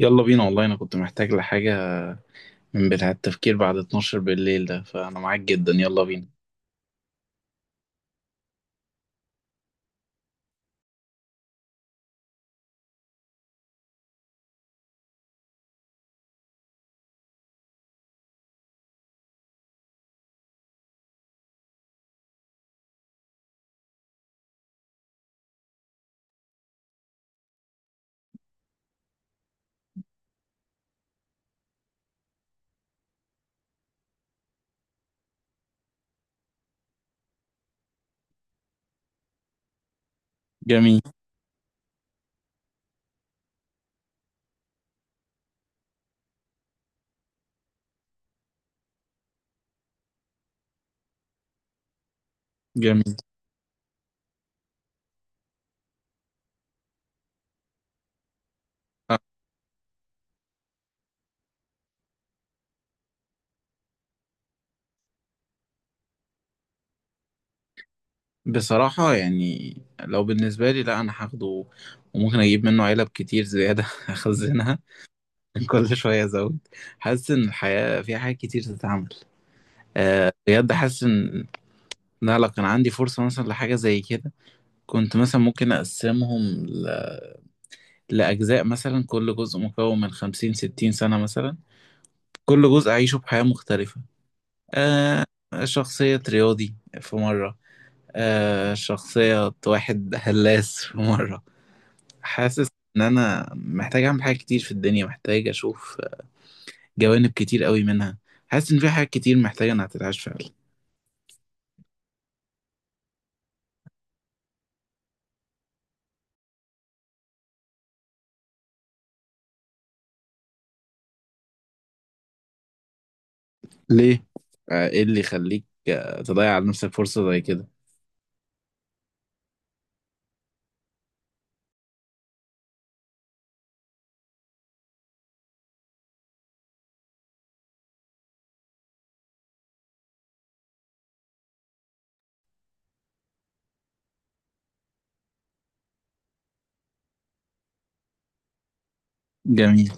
يلا بينا، والله انا كنت محتاج لحاجة من بتاع التفكير بعد 12 بالليل ده، فانا معاك جدا. يلا بينا. جميل جميل. أه، بصراحة يعني لو بالنسبة لي، لا انا هاخده، وممكن اجيب منه علب كتير زيادة اخزنها، كل شوية ازود. حاسس ان الحياة فيها حاجات كتير تتعمل. أه بجد حاسس ان، لا لو كان عندي فرصة مثلا لحاجة زي كده، كنت مثلا ممكن اقسمهم ل... لأجزاء، مثلا كل جزء مكون من 50، 60 سنة مثلا. كل جزء أعيشه بحياة مختلفة. آه، شخصية رياضي في مرة، آه شخصية واحد هلاس في مرة. حاسس إن أنا محتاج أعمل حاجات كتير في الدنيا، محتاج أشوف جوانب كتير قوي منها. حاسس إن في حاجات كتير محتاجة إنها تتعاش فعلا. ليه؟ إيه اللي يخليك تضيع على نفسك فرصة زي كده؟ جميل.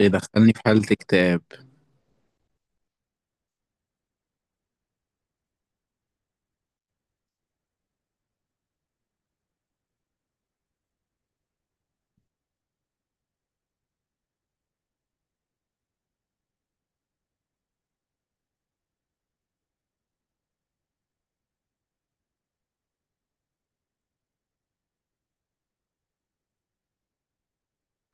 إيه دخلني في حالة اكتئاب.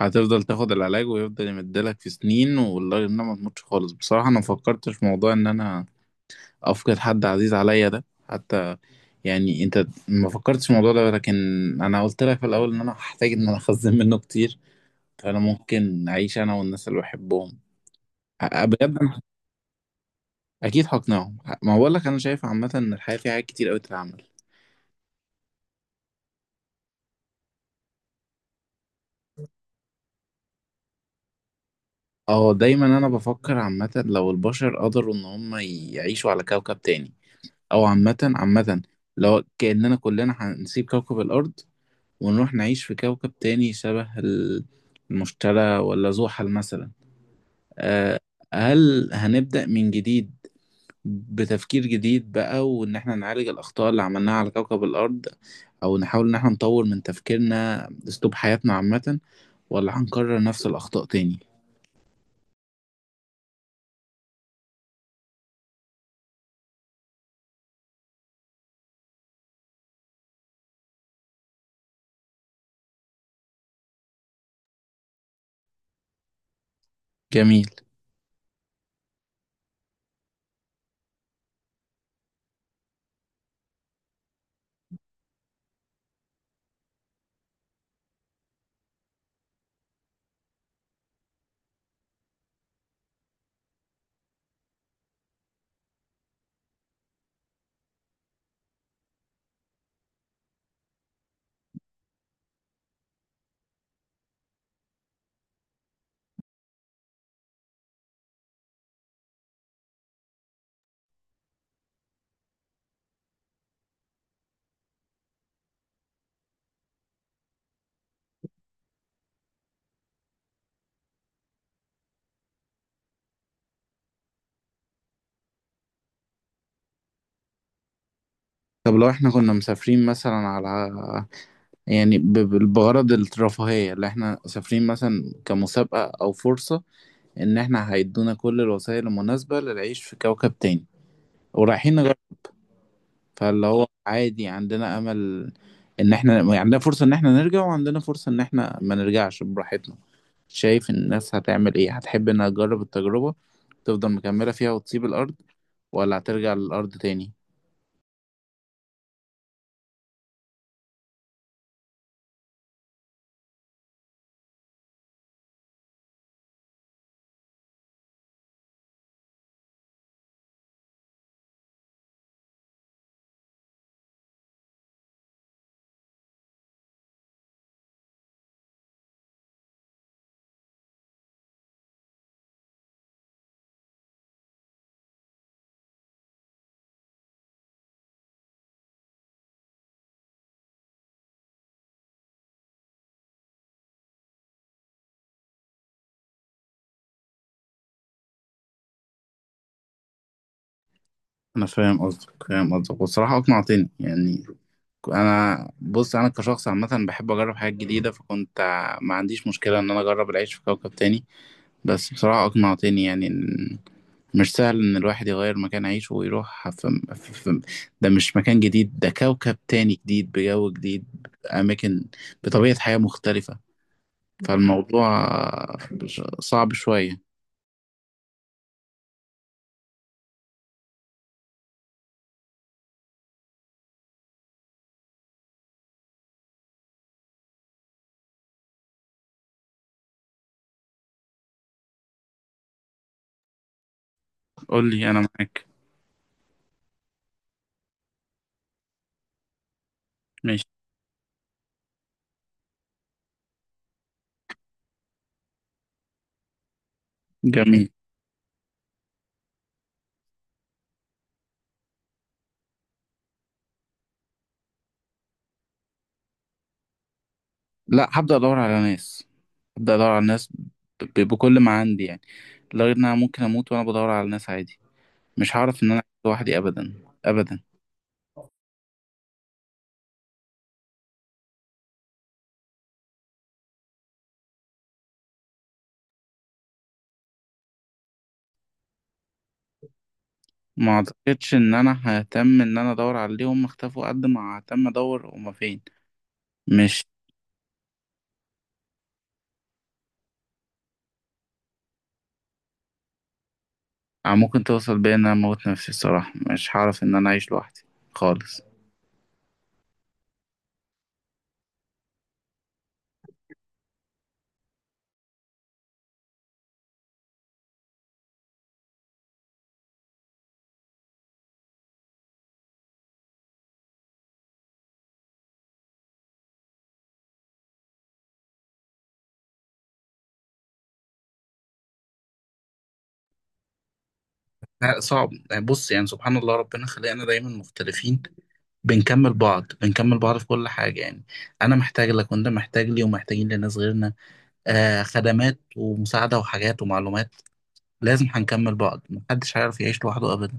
هتفضل تاخد العلاج ويفضل يمدلك في سنين، والله إنها ما تموتش خالص. بصراحة أنا ما فكرتش في موضوع إن أنا أفقد حد عزيز عليا ده، حتى. يعني انت ما فكرتش في الموضوع ده، لكن انا قلت لك في الاول ان انا هحتاج ان انا اخزن منه كتير، فانا ممكن اعيش انا والناس اللي بحبهم. بجد انا اكيد هقنعهم. ما بقول لك انا شايف عامه ان الحياه فيها حاجات كتير قوي تتعمل. اه دايما انا بفكر عامه، لو البشر قدروا ان هم يعيشوا على كوكب تاني، او عامه عامه لو كاننا كلنا هنسيب كوكب الارض ونروح نعيش في كوكب تاني شبه المشتري ولا زحل مثلا. آه، هل هنبدأ من جديد بتفكير جديد بقى، وإن إحنا نعالج الأخطاء اللي عملناها على كوكب الأرض، أو نحاول إن إحنا نطور من تفكيرنا أسلوب حياتنا عامة، ولا هنكرر نفس الأخطاء تاني؟ جميل. طب لو إحنا كنا مسافرين مثلا على، يعني بغرض الرفاهية، اللي إحنا مسافرين مثلا كمسابقة أو فرصة، إن إحنا هيدونا كل الوسائل المناسبة للعيش في كوكب تاني، ورايحين. فاللي هو عادي، عندنا امل ان احنا يعني عندنا فرصة ان احنا نرجع، وعندنا فرصة ان احنا ما نرجعش براحتنا. شايف الناس هتعمل ايه، هتحب انها تجرب التجربة تفضل مكملة فيها وتسيب الارض، ولا هترجع للارض تاني؟ انا فاهم قصدك فاهم قصدك، والصراحه اقنعتني يعني. انا بص، انا كشخص عامه بحب اجرب حاجات جديده، فكنت ما عنديش مشكله ان انا اجرب العيش في كوكب تاني. بس بصراحه اقنعتني يعني. مش سهل ان الواحد يغير مكان عيشه ويروح ف... ف... ده مش مكان جديد، ده كوكب تاني جديد، بجو جديد، بأماكن، بطبيعة حياة مختلفة. فالموضوع صعب شوية. قول لي، انا معاك. ماشي. جميل. لا، هبدأ ادور على ناس، هبدأ ادور على ناس، بكل ما عندي يعني. لغير ان انا ممكن اموت وانا بدور على ناس، عادي. مش هعرف ان انا أعيش لوحدي ابدا، ابدا. ما اعتقدش ان انا ههتم ان انا ادور عليهم اختفوا قد ما ههتم ادور هما فين. مش ممكن توصل بيا ان انا اموت نفسي، الصراحه مش هعرف ان انا اعيش لوحدي خالص. لا، صعب يعني. بص يعني، سبحان الله ربنا خلقنا دايما مختلفين، بنكمل بعض بنكمل بعض في كل حاجة يعني. أنا محتاج لك وأنت محتاج لي، ومحتاجين لناس غيرنا، آه، خدمات ومساعدة وحاجات ومعلومات. لازم هنكمل بعض، محدش هيعرف يعيش لوحده أبدا.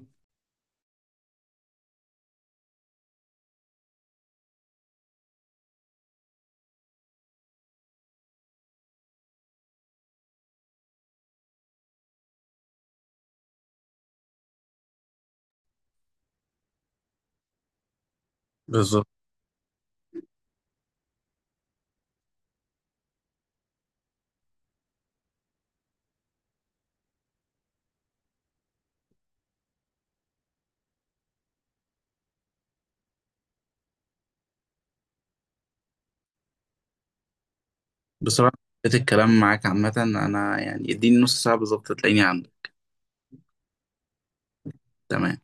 بالظبط. بصراحه حبيت الكلام معاك عامه. انا يعني اديني نص ساعه بالظبط تلاقيني عندك. تمام.